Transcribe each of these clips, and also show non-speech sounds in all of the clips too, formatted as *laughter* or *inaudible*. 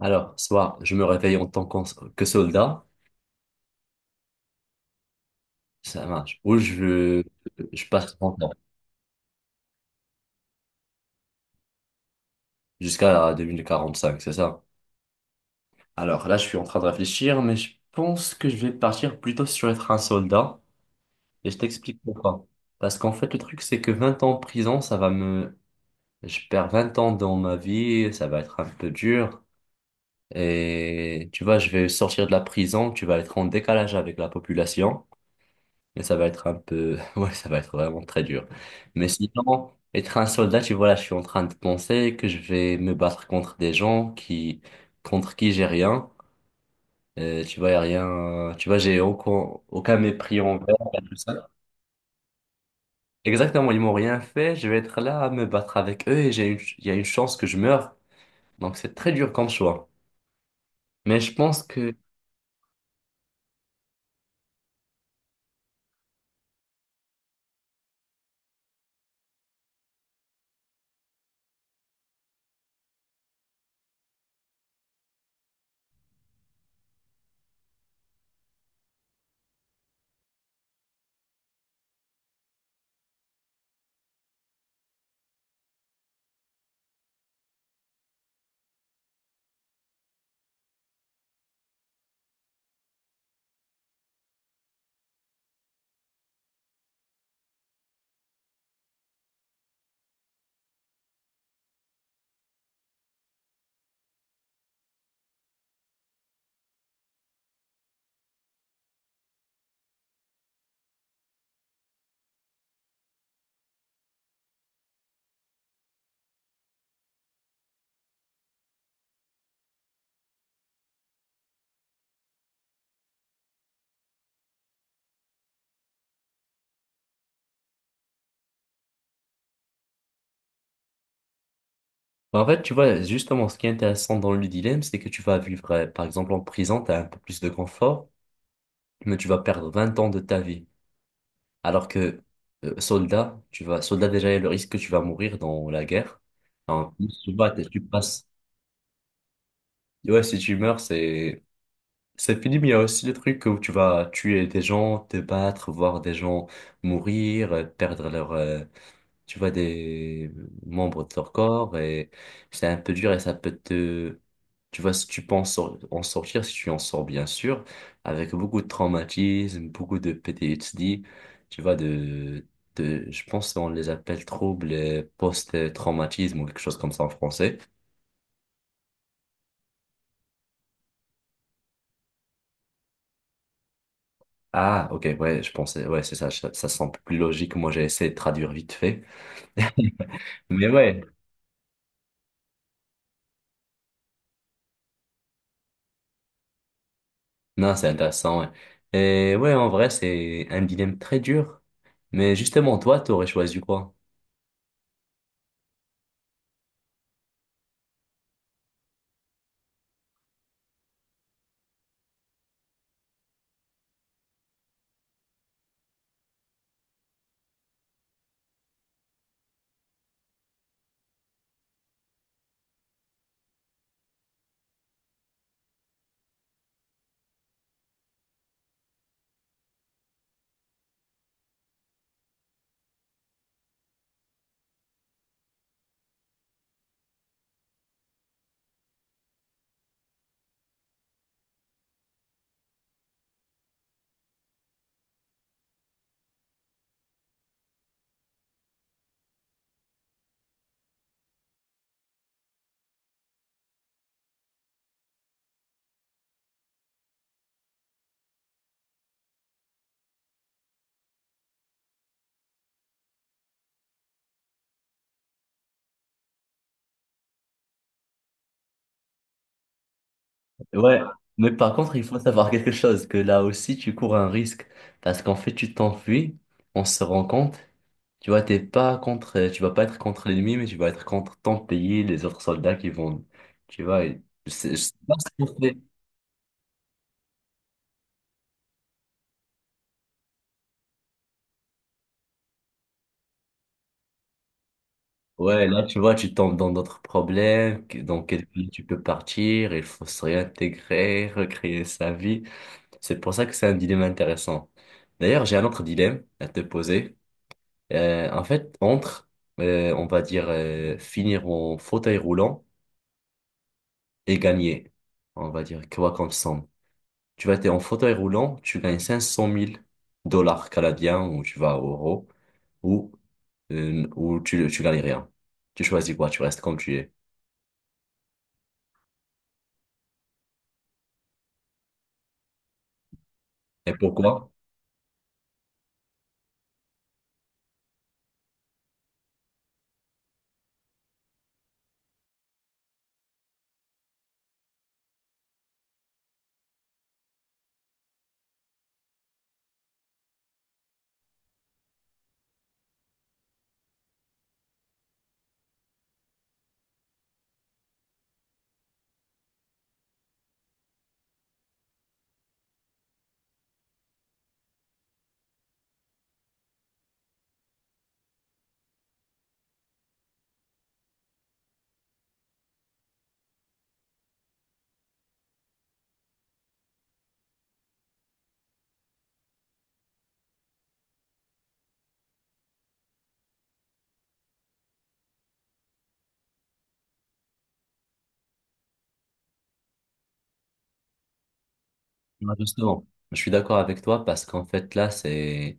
Alors, soit je me réveille en tant que soldat, ça marche, ou je passe 30 ans, jusqu'à 2045, c'est ça. Alors là, je suis en train de réfléchir, mais je pense que je vais partir plutôt sur être un soldat, et je t'explique pourquoi. Parce qu'en fait, le truc, c'est que 20 ans en prison, ça va me... Je perds 20 ans dans ma vie, ça va être un peu dur, et tu vois, je vais sortir de la prison, tu vas être en décalage avec la population. Mais ça va être un peu... *laughs* Ouais, ça va être vraiment très dur. Mais sinon, être un soldat, tu vois, là, je suis en train de penser que je vais me battre contre des gens qui... contre qui j'ai rien. Tu vois, y a rien... Tu vois, j'ai aucun mépris envers et tout ça. Exactement, ils m'ont rien fait. Je vais être là à me battre avec eux et j'ai une... il y a une chance que je meure. Donc, c'est très dur comme choix. Mais je pense que... En fait, tu vois, justement, ce qui est intéressant dans le dilemme, c'est que tu vas vivre, par exemple, en prison, tu as un peu plus de confort, mais tu vas perdre 20 ans de ta vie. Alors que soldat, tu vas, soldat déjà, il y a le risque que tu vas mourir dans la guerre. En plus, tu vas, tu passes. Ouais, si tu meurs, c'est fini, mais il y a aussi le truc où tu vas tuer des gens, te battre, voir des gens mourir, perdre leur, tu vois, des membres de leur corps et c'est un peu dur et ça peut te... Tu vois, si tu penses en sortir, si tu en sors bien sûr, avec beaucoup de traumatisme, beaucoup de PTSD, tu vois, je pense qu'on les appelle troubles post-traumatisme ou quelque chose comme ça en français. Ah, ok, ouais, je pensais, ouais, c'est ça, ça semble plus logique. Moi, j'ai essayé de traduire vite fait. Mais ouais, non, c'est intéressant, ouais. Et ouais, en vrai, c'est un dilemme très dur. Mais justement, toi, t'aurais choisi quoi? Ouais, mais par contre, il faut savoir quelque chose, que là aussi, tu cours un risque. Parce qu'en fait, tu t'enfuis, on se rend compte, tu vois, t'es pas contre, tu vas pas être contre l'ennemi, mais tu vas être contre ton pays, les autres soldats qui vont, tu vois, et c'est- je sais pas ce qu'on fait. Ouais, là, tu vois, tu tombes dans d'autres problèmes, que- dans quel pays tu peux partir, il faut se réintégrer, recréer sa vie. C'est pour ça que c'est un dilemme intéressant. D'ailleurs, j'ai un autre dilemme à te poser. En fait, entre, on va dire, finir en fauteuil roulant et gagner, on va dire, quoi comme somme. Tu vas être en fauteuil roulant, tu gagnes 500 000 dollars canadiens ou tu vas à euros ou, ou tu gagnes rien. Tu choisis quoi, tu restes comme tu es. Et pourquoi? Bah, justement, je suis d'accord avec toi parce qu'en fait, là, c'est...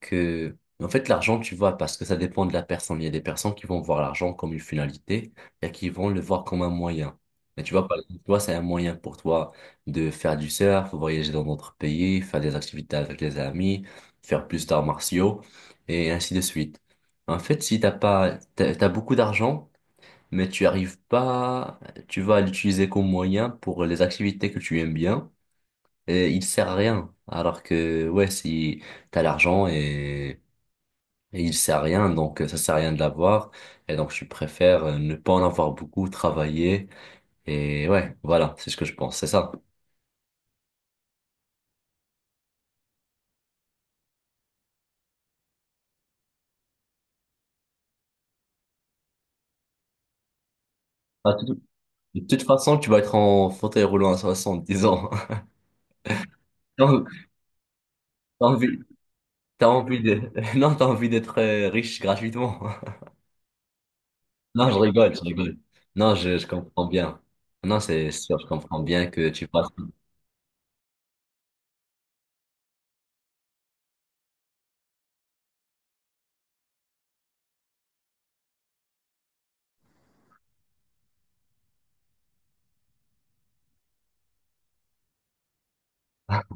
que, en fait, l'argent, tu vois, parce que ça dépend de la personne. Il y a des personnes qui vont voir l'argent comme une finalité et qui vont le voir comme un moyen. Mais tu vois, par exemple, toi, c'est un moyen pour toi de faire du surf, voyager dans d'autres pays, faire des activités avec les amis, faire plus d'arts martiaux et ainsi de suite. En fait, si t'as pas, t'as, t'as beaucoup d'argent, mais tu arrives pas, tu vas l'utiliser comme moyen pour les activités que tu aimes bien et il sert à rien. Alors que, ouais, si, t'as l'argent et il sait à rien, donc ça sert à rien de l'avoir. Et donc je préfère ne pas en avoir beaucoup, travailler. Et ouais, voilà, c'est ce que je pense, c'est ça. Ah, tout- De toute façon, tu vas être en fauteuil roulant à 70 ans. *laughs* T'as t'as envie, t'as envie de, *laughs* non, t'as envie d'être riche gratuitement. *laughs* Non, je rigole, je rigole. Non, je comprends bien. Non, c'est sûr, je comprends bien que tu passes. *laughs*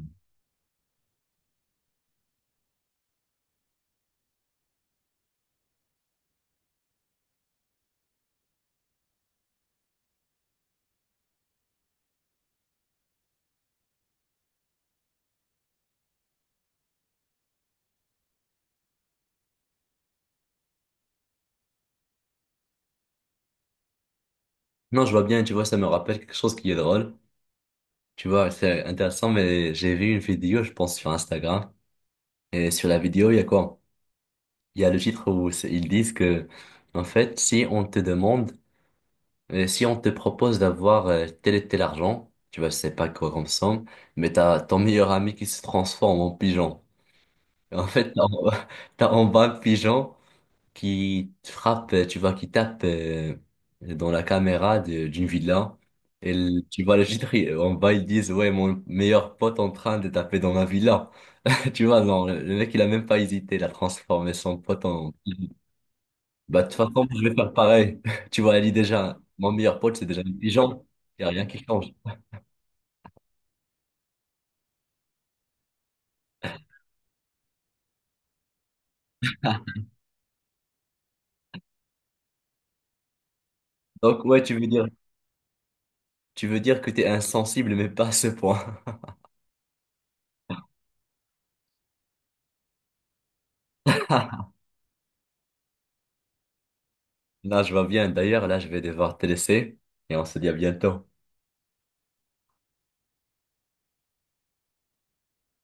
Non, je vois bien, tu vois, ça me rappelle quelque chose qui est drôle. Tu vois, c'est intéressant, mais j'ai vu une vidéo, je pense, sur Instagram. Et sur la vidéo, il y a quoi? Il y a le titre où c'est- ils disent que, en fait, si on te demande, si on te propose d'avoir tel et tel argent, tu vois, je sais pas quoi comme somme, mais t'as ton meilleur ami qui se transforme en pigeon. Et en fait, t'as en *laughs* t'as en bas un pigeon qui te frappe, tu vois, qui tape dans la caméra de- d'une villa. Et le- tu vois le *laughs* titre, il- en bas, ils disent, ouais, mon meilleur pote en train de taper dans ma villa. *laughs* Tu vois, non, le mec, il a même pas hésité, il a transformé son pote en... Bah, de toute façon, je vais faire pareil. *laughs* Tu vois, elle dit déjà, mon meilleur pote, c'est déjà intelligent. Il n'y a rien qui change. Donc, ouais, tu veux dire que tu es insensible, mais pas à ce point. *laughs* Là, je vois bien. D'ailleurs, là, je vais devoir te laisser et on se dit à bientôt.